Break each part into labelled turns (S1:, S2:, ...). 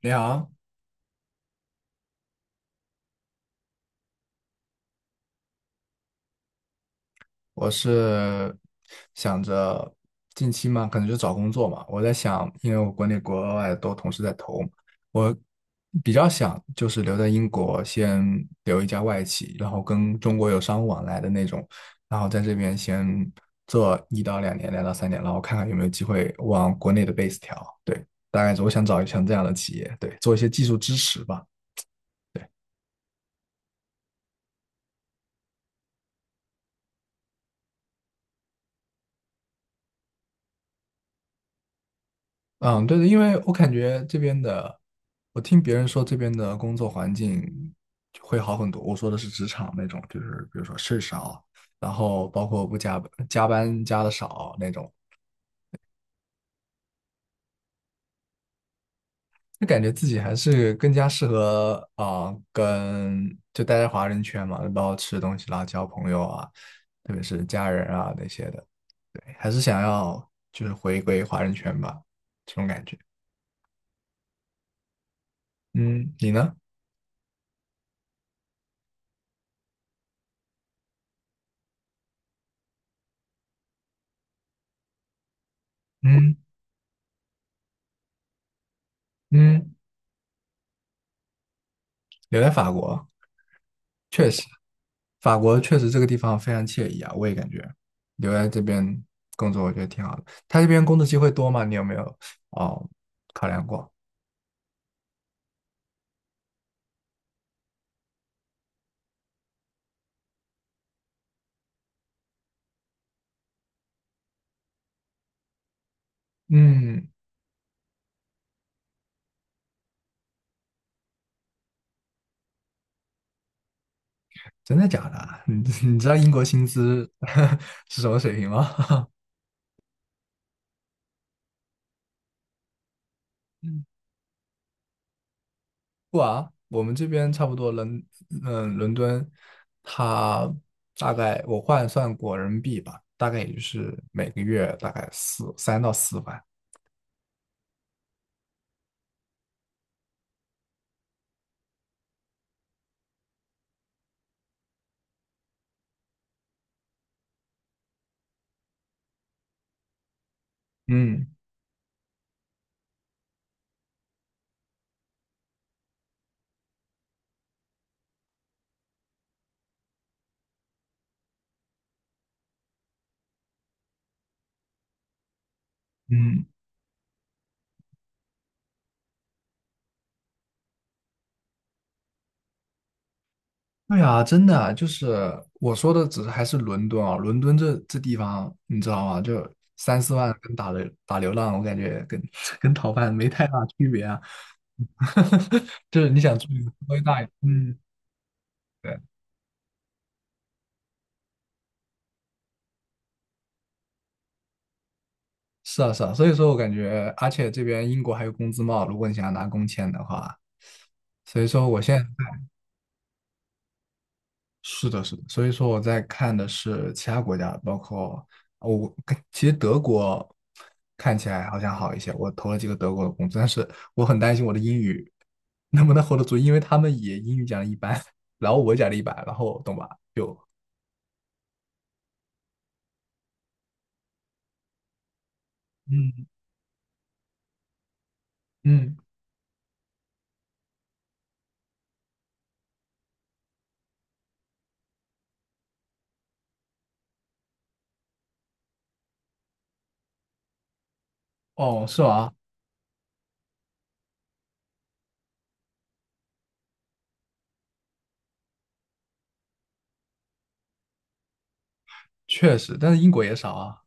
S1: 你好，我是想着近期嘛，可能就找工作嘛。我在想，因为我国内国外都同时在投嘛。我比较想就是留在英国，先留一家外企，然后跟中国有商务往来的那种，然后在这边先做1到2年，2到3年，然后看看有没有机会往国内的 base 调。对，大概是我想找一想这样的企业，对，做一些技术支持吧。对。嗯，对的，因为我感觉这边的，我听别人说这边的工作环境会好很多。我说的是职场那种，就是比如说事儿少，然后包括不加加班加的少那种。就感觉自己还是更加适合啊、跟就待在华人圈嘛，包括吃东西啦、交朋友啊，特别是家人啊那些的，对，还是想要就是回归华人圈吧，这种感觉。嗯，你呢？嗯嗯，留在法国。确实，法国确实这个地方非常惬意啊，我也感觉留在这边工作，我觉得挺好的。他这边工作机会多吗？你有没有哦考量过？嗯，真的假的啊 你知道英国薪资 是什么水平吗？不啊，我们这边差不多伦敦，它大概我换算过人民币吧，大概也就是每个月大概3到4万。嗯嗯，对啊，真的啊就是我说的，只是还是伦敦啊，伦敦这地方你知道吗？就3、4万跟打流浪，我感觉跟 跟逃犯没太大区别啊。就是你想住一个稍微大一点，嗯，对，是啊是啊，所以说我感觉，而且这边英国还有工资帽，如果你想要拿工签的话，所以说我现在。是的，是的，所以说我在看的是其他国家，包括哦我其实德国看起来好像好一些，我投了几个德国的工作，但是我很担心我的英语能不能 hold 得住，因为他们也英语讲的一般，然后我讲的一般，然后懂吧？就嗯嗯，哦，是吗？确实，但是英国也少啊，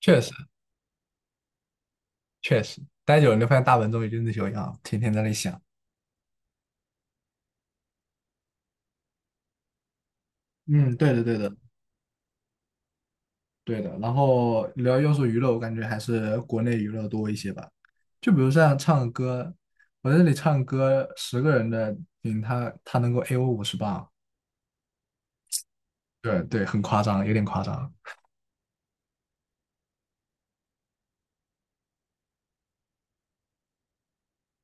S1: 确实确实，待久了你就发现大本钟也就那修养，天天在那里想。嗯，对的，对的。对的，然后聊要秀娱乐，我感觉还是国内娱乐多一些吧。就比如像唱歌，我在这里唱歌，10个人的顶他能够 A 我50磅，对对，很夸张，有点夸张。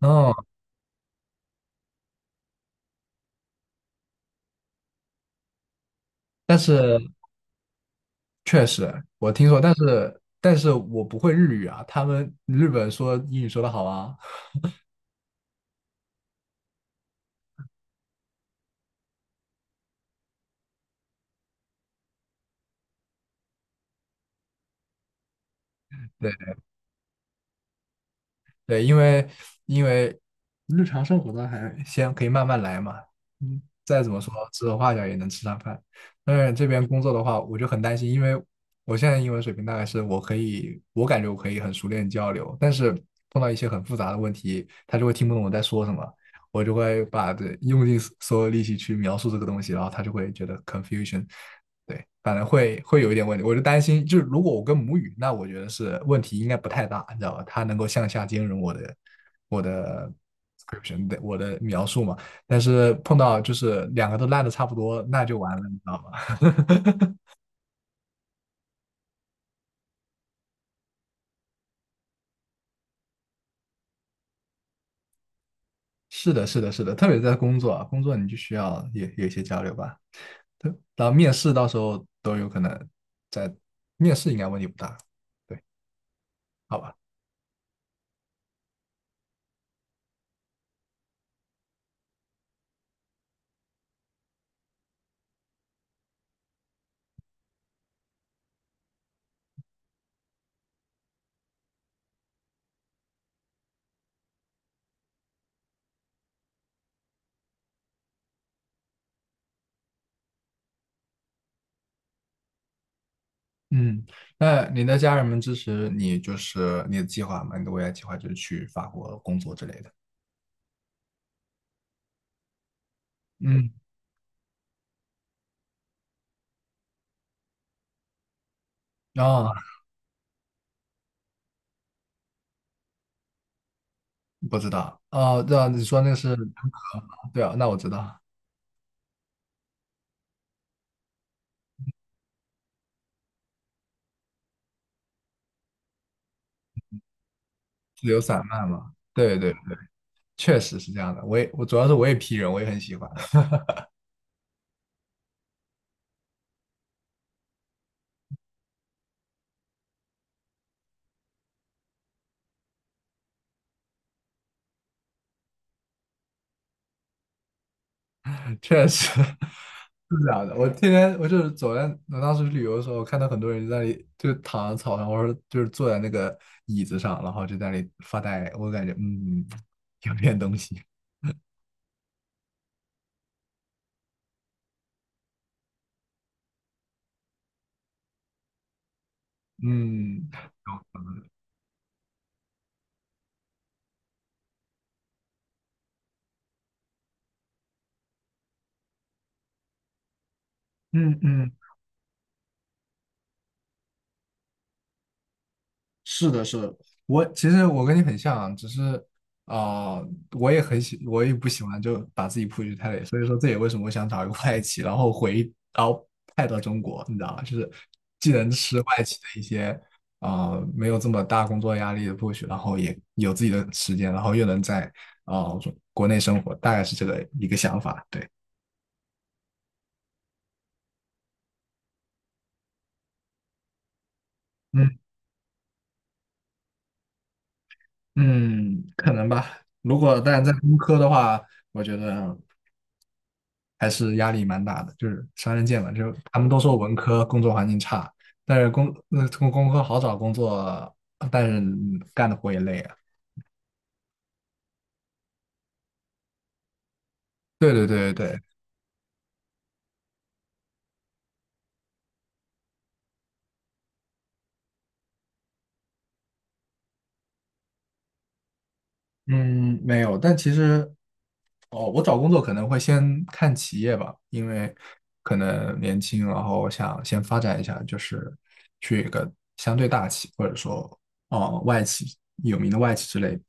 S1: 哦，但是确实我听说，但是我不会日语啊，他们日本说英语说的好啊。对对，因为日常生活的还先可以慢慢来嘛，嗯，再怎么说指手画脚也能吃上饭。但是这边工作的话，我就很担心，因为我现在英文水平大概是我可以，我感觉我可以很熟练交流，但是碰到一些很复杂的问题，他就会听不懂我在说什么，我就会把这用尽所有力气去描述这个东西，然后他就会觉得 confusion。对，反正会有一点问题，我就担心，就是如果我跟母语，那我觉得是问题应该不太大，你知道吧？它能够向下兼容我的 description 的我的描述嘛。但是碰到就是两个都烂的差不多，那就完了，你知道吗？是的，是的，是的，特别在工作啊，工作你就需要有一些交流吧。对，然后面试到时候都有可能在面试应该问题不大，对，好吧。嗯，那你的家人们支持你，就是你的计划吗？你的未来计划就是去法国工作之类的。嗯，哦，不知道，哦，对啊，你说那个是，对啊，那我知道，自由散漫嘛，对对，确实是这样的。我也，我主要是我也 P 人，我也很喜欢，确实是这样的。我天天我就是走在，我当时旅游的时候，看到很多人在那里就躺在草上，或者就是坐在那个椅子上，然后就在那里发呆，我感觉有点东西。嗯，嗯嗯，是的，是的，我其实我跟你很像啊，只是啊、我也不喜欢就把自己 push 太累，所以说这也为什么我想找一个外企，然后到派到中国，你知道吗？就是既能吃外企的一些没有这么大工作压力的 push，然后也有自己的时间，然后又能在啊、呃国内生活，大概是这个一个想法，对。嗯嗯，可能吧。如果但在工科的话，我觉得。还是压力蛮大的，就是双刃剑嘛，就他们都说文科工作环境差，但是工科好找工作，但是干的活也累啊。对对对对嗯，没有，但其实，哦，我找工作可能会先看企业吧，因为可能年轻，然后想先发展一下，就是去一个相对大企，或者说哦外企有名的外企之类的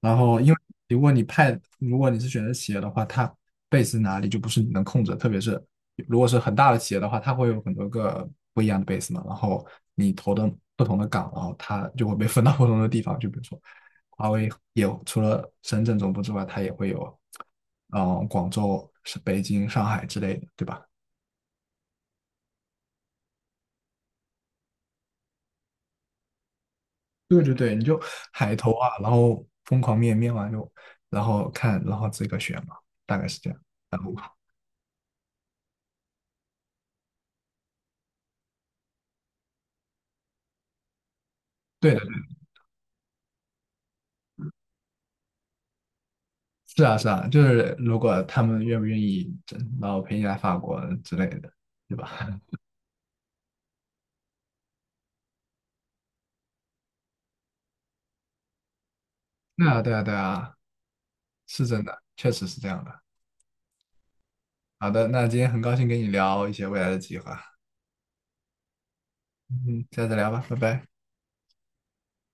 S1: 然后，因为如果你是选择企业的话，它 base 哪里就不是你能控制的特别是如果是很大的企业的话，它会有很多个不一样的 base 嘛，然后你投的不同的岗，然后它就会被分到不同的地方，就比如说。华为也除了深圳总部之外，它也会有，嗯，广州、是北京、上海之类的，对吧？对对对，你就 海投啊，然后疯狂面完就，然后看，然后这个选嘛，大概是这样。然后对的，对是啊是啊，就是如果他们愿不愿意，然后陪你来法国之类的，对吧？对啊对啊对啊，是真的，确实是这样的。好的，那今天很高兴跟你聊一些未来的计划，嗯，下次聊吧，拜拜。